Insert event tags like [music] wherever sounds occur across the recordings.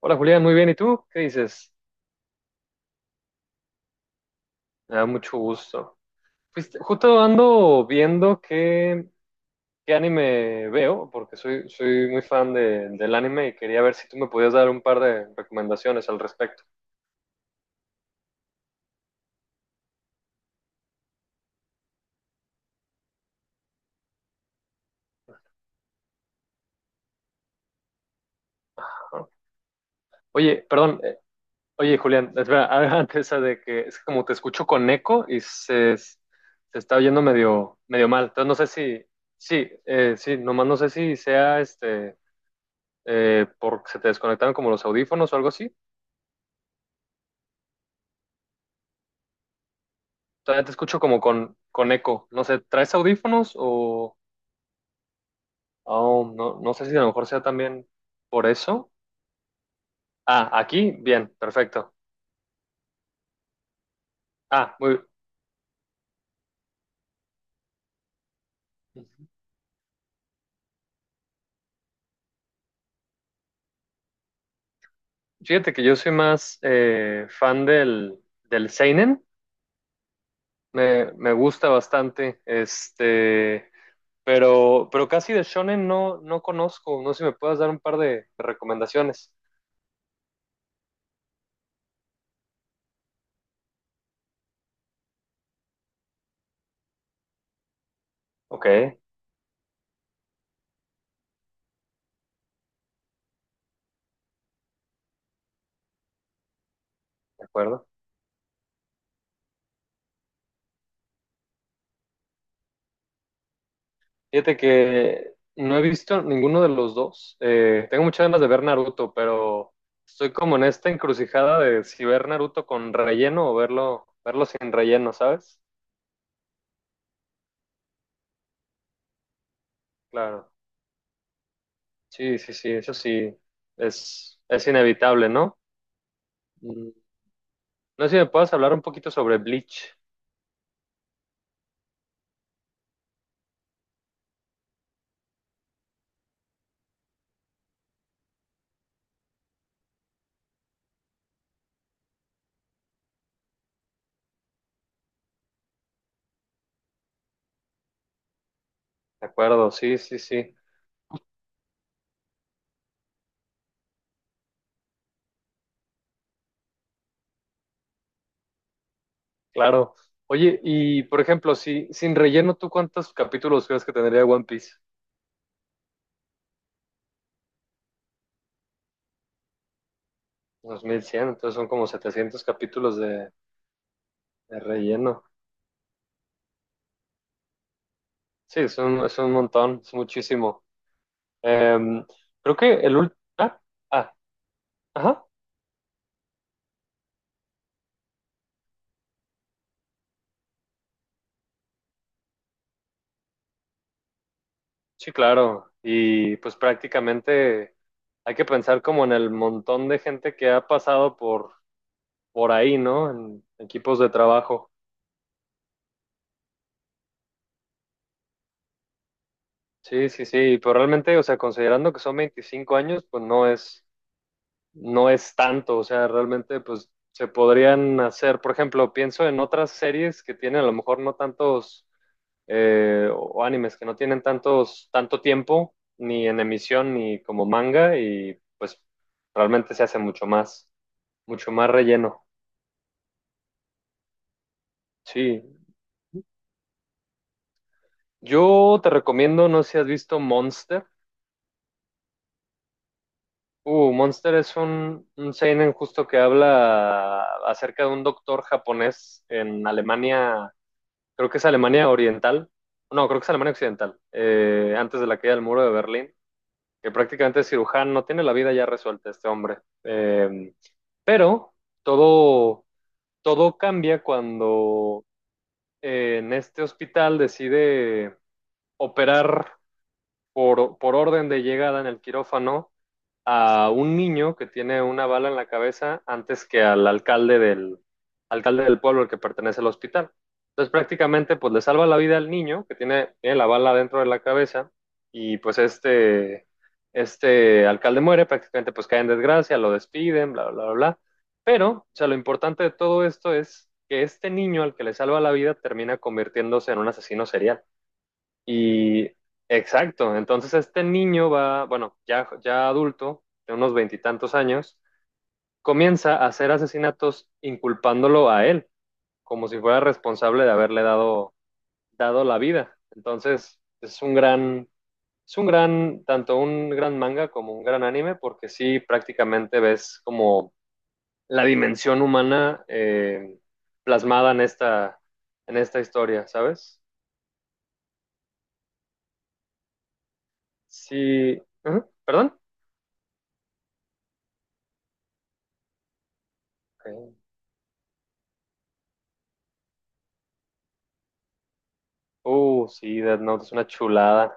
Hola Julián, muy bien. ¿Y tú? ¿Qué dices? Me da mucho gusto. Pues justo ando viendo qué anime veo, porque soy muy fan del anime y quería ver si tú me podías dar un par de recomendaciones al respecto. ¿No? Oye, perdón, oye Julián, espera, [laughs] antes de que es que como te escucho con eco y se está oyendo medio mal. Entonces no sé si, sí, sí, nomás no sé si sea este, porque se te desconectaron como los audífonos o algo así. Todavía te escucho como con eco. No sé, ¿traes audífonos o...? Oh, no, no sé si a lo mejor sea también por eso. Ah, aquí, bien, perfecto. Ah, muy... Fíjate que yo soy más fan del seinen. Me gusta bastante. Este... Pero casi de shonen no, no conozco. No sé si me puedas dar un par de recomendaciones. Ok, de acuerdo. Fíjate que no he visto ninguno de los dos. Tengo muchas ganas de ver Naruto, pero estoy como en esta encrucijada de si ver Naruto con relleno o verlo sin relleno, ¿sabes? Claro. Sí, sí, sí, eso sí es inevitable, ¿no? Mm, no sé si me puedes hablar un poquito sobre Bleach. De acuerdo, sí, sí, sí, claro. Oye, y por ejemplo, si sin relleno, ¿tú cuántos capítulos crees que tendría One Piece? 2100 entonces son como 700 capítulos de relleno. Sí, es un montón, es muchísimo. Em, creo que el último... Ah, ah, ajá, sí, claro. Y pues prácticamente hay que pensar como en el montón de gente que ha pasado por ahí, ¿no? En equipos de trabajo. Sí, sí, sí, pero realmente, o sea, considerando que son 25 años, pues no es tanto, o sea, realmente, pues se podrían hacer, por ejemplo, pienso en otras series que tienen a lo mejor no tantos o animes que no tienen tantos, tanto tiempo, ni en emisión, ni como manga, y pues realmente se hace mucho más relleno. Sí, yo te recomiendo, no sé si has visto Monster. Monster es un seinen justo que habla acerca de un doctor japonés en Alemania, creo que es Alemania Oriental, no, creo que es Alemania Occidental, antes de la caída del muro de Berlín que prácticamente es cirujano, no tiene la vida ya resuelta este hombre. Pero todo, todo cambia cuando en este hospital decide operar por orden de llegada en el quirófano a un niño que tiene una bala en la cabeza antes que al alcalde del pueblo al que pertenece el hospital. Entonces prácticamente pues le salva la vida al niño que tiene la bala dentro de la cabeza y pues este alcalde muere, prácticamente pues cae en desgracia, lo despiden, bla, bla, bla, bla. Pero, o sea, lo importante de todo esto es que este niño al que le salva la vida termina convirtiéndose en un asesino serial. Y exacto, entonces este niño va, bueno, ya, ya adulto, de unos veintitantos años, comienza a hacer asesinatos inculpándolo a él, como si fuera responsable de haberle dado la vida. Entonces, es un gran, tanto un gran manga como un gran anime, porque sí prácticamente ves como la dimensión humana plasmada en esta historia, ¿sabes? Sí, ujú. ¿Perdón? Ok. Sí, Death Note es una chulada.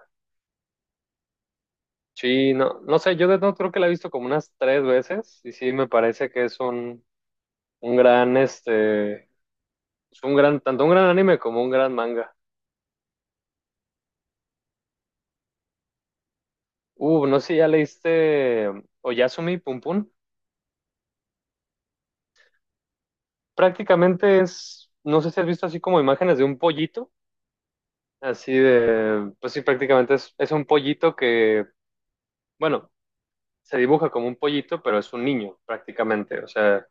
Sí, no, no sé, yo Death Note creo que la he visto como unas tres veces y sí me parece que es un gran, este, un gran, tanto un gran anime como un gran manga. No sé si ya leíste Oyasumi Pum Pum. Prácticamente es, no sé si has visto así como imágenes de un pollito, así de, pues sí, prácticamente es un pollito que, bueno, se dibuja como un pollito, pero es un niño prácticamente, o sea.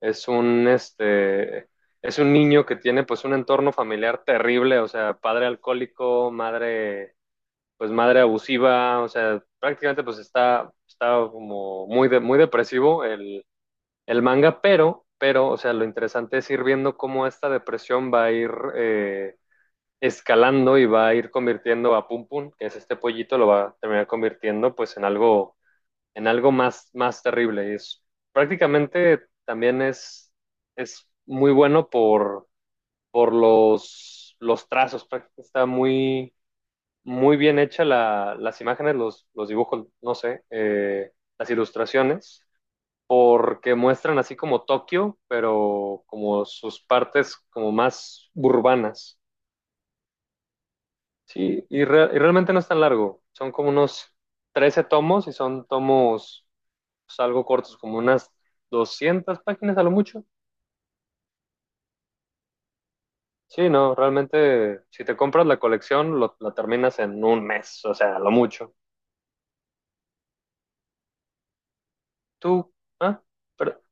es un, este, es un niño que tiene pues un entorno familiar terrible, o sea, padre alcohólico, madre abusiva, o sea, prácticamente pues está como muy, muy depresivo el manga, pero, o sea, lo interesante es ir viendo cómo esta depresión va a ir escalando y va a ir convirtiendo a Pum Pum, que es este pollito, lo va a terminar convirtiendo pues en algo más, más terrible. Y es, prácticamente también es muy bueno por los trazos. Está muy, muy bien hecha las imágenes, los dibujos, no sé, las ilustraciones, porque muestran así como Tokio, pero como sus partes como más urbanas. Sí, y realmente no es tan largo. Son como unos 13 tomos y son tomos salgo cortos, como unas 200 páginas a lo mucho. Sí, no, realmente si te compras la colección, la terminas en un mes, o sea, a lo mucho. Tú, ah, pero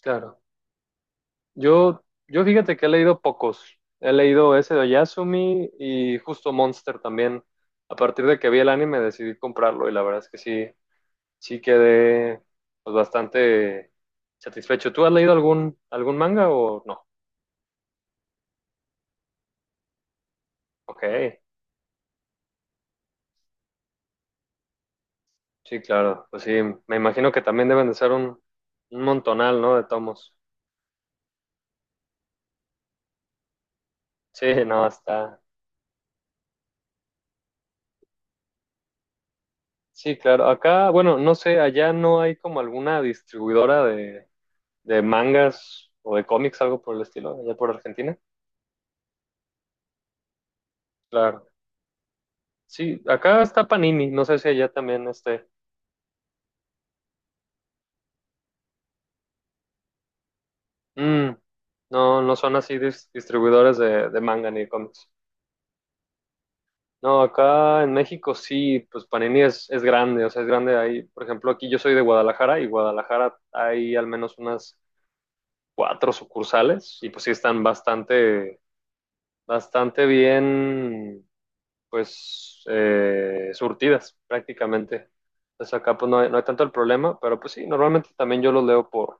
claro, yo fíjate que he leído pocos. He leído ese de Yasumi y justo Monster también. A partir de que vi el anime decidí comprarlo y la verdad es que sí, sí quedé pues, bastante satisfecho. ¿Tú has leído algún manga o no? Ok. Sí, claro. Pues sí, me imagino que también deben de ser un montonal, ¿no? De tomos. Sí, [laughs] no, está. Sí, claro. Acá, bueno, no sé, allá no hay como alguna distribuidora de mangas o de cómics, algo por el estilo, allá por Argentina. Claro. Sí, acá está Panini, no sé si allá también esté. Mm, no, no son así distribuidores de manga ni de cómics. No, acá en México sí, pues Panini es grande, o sea, es grande ahí. Por ejemplo, aquí yo soy de Guadalajara y Guadalajara hay al menos unas cuatro sucursales y pues sí están bastante, bastante bien, pues, surtidas prácticamente. Entonces acá pues no hay tanto el problema, pero pues sí, normalmente también yo los leo por,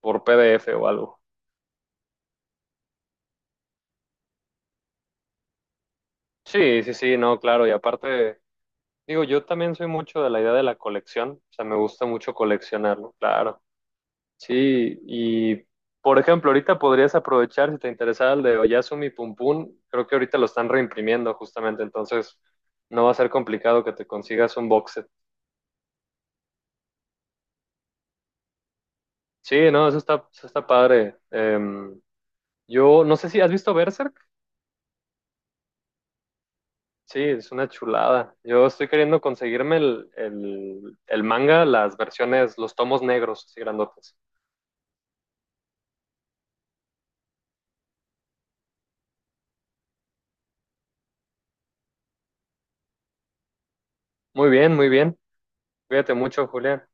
por PDF o algo. Sí, sí, sí, no, claro, y aparte, digo, yo también soy mucho de la idea de la colección, o sea, me gusta mucho coleccionarlo, claro. Sí, y por ejemplo, ahorita podrías aprovechar si te interesaba el de Oyasumi Pum Pum. Creo que ahorita lo están reimprimiendo justamente, entonces no va a ser complicado que te consigas un box set. Sí, no, eso está padre. Yo no sé si has visto Berserk. Sí, es una chulada. Yo estoy queriendo conseguirme el manga, las versiones, los tomos negros, así grandotes. Muy bien, muy bien. Cuídate mucho, Julián.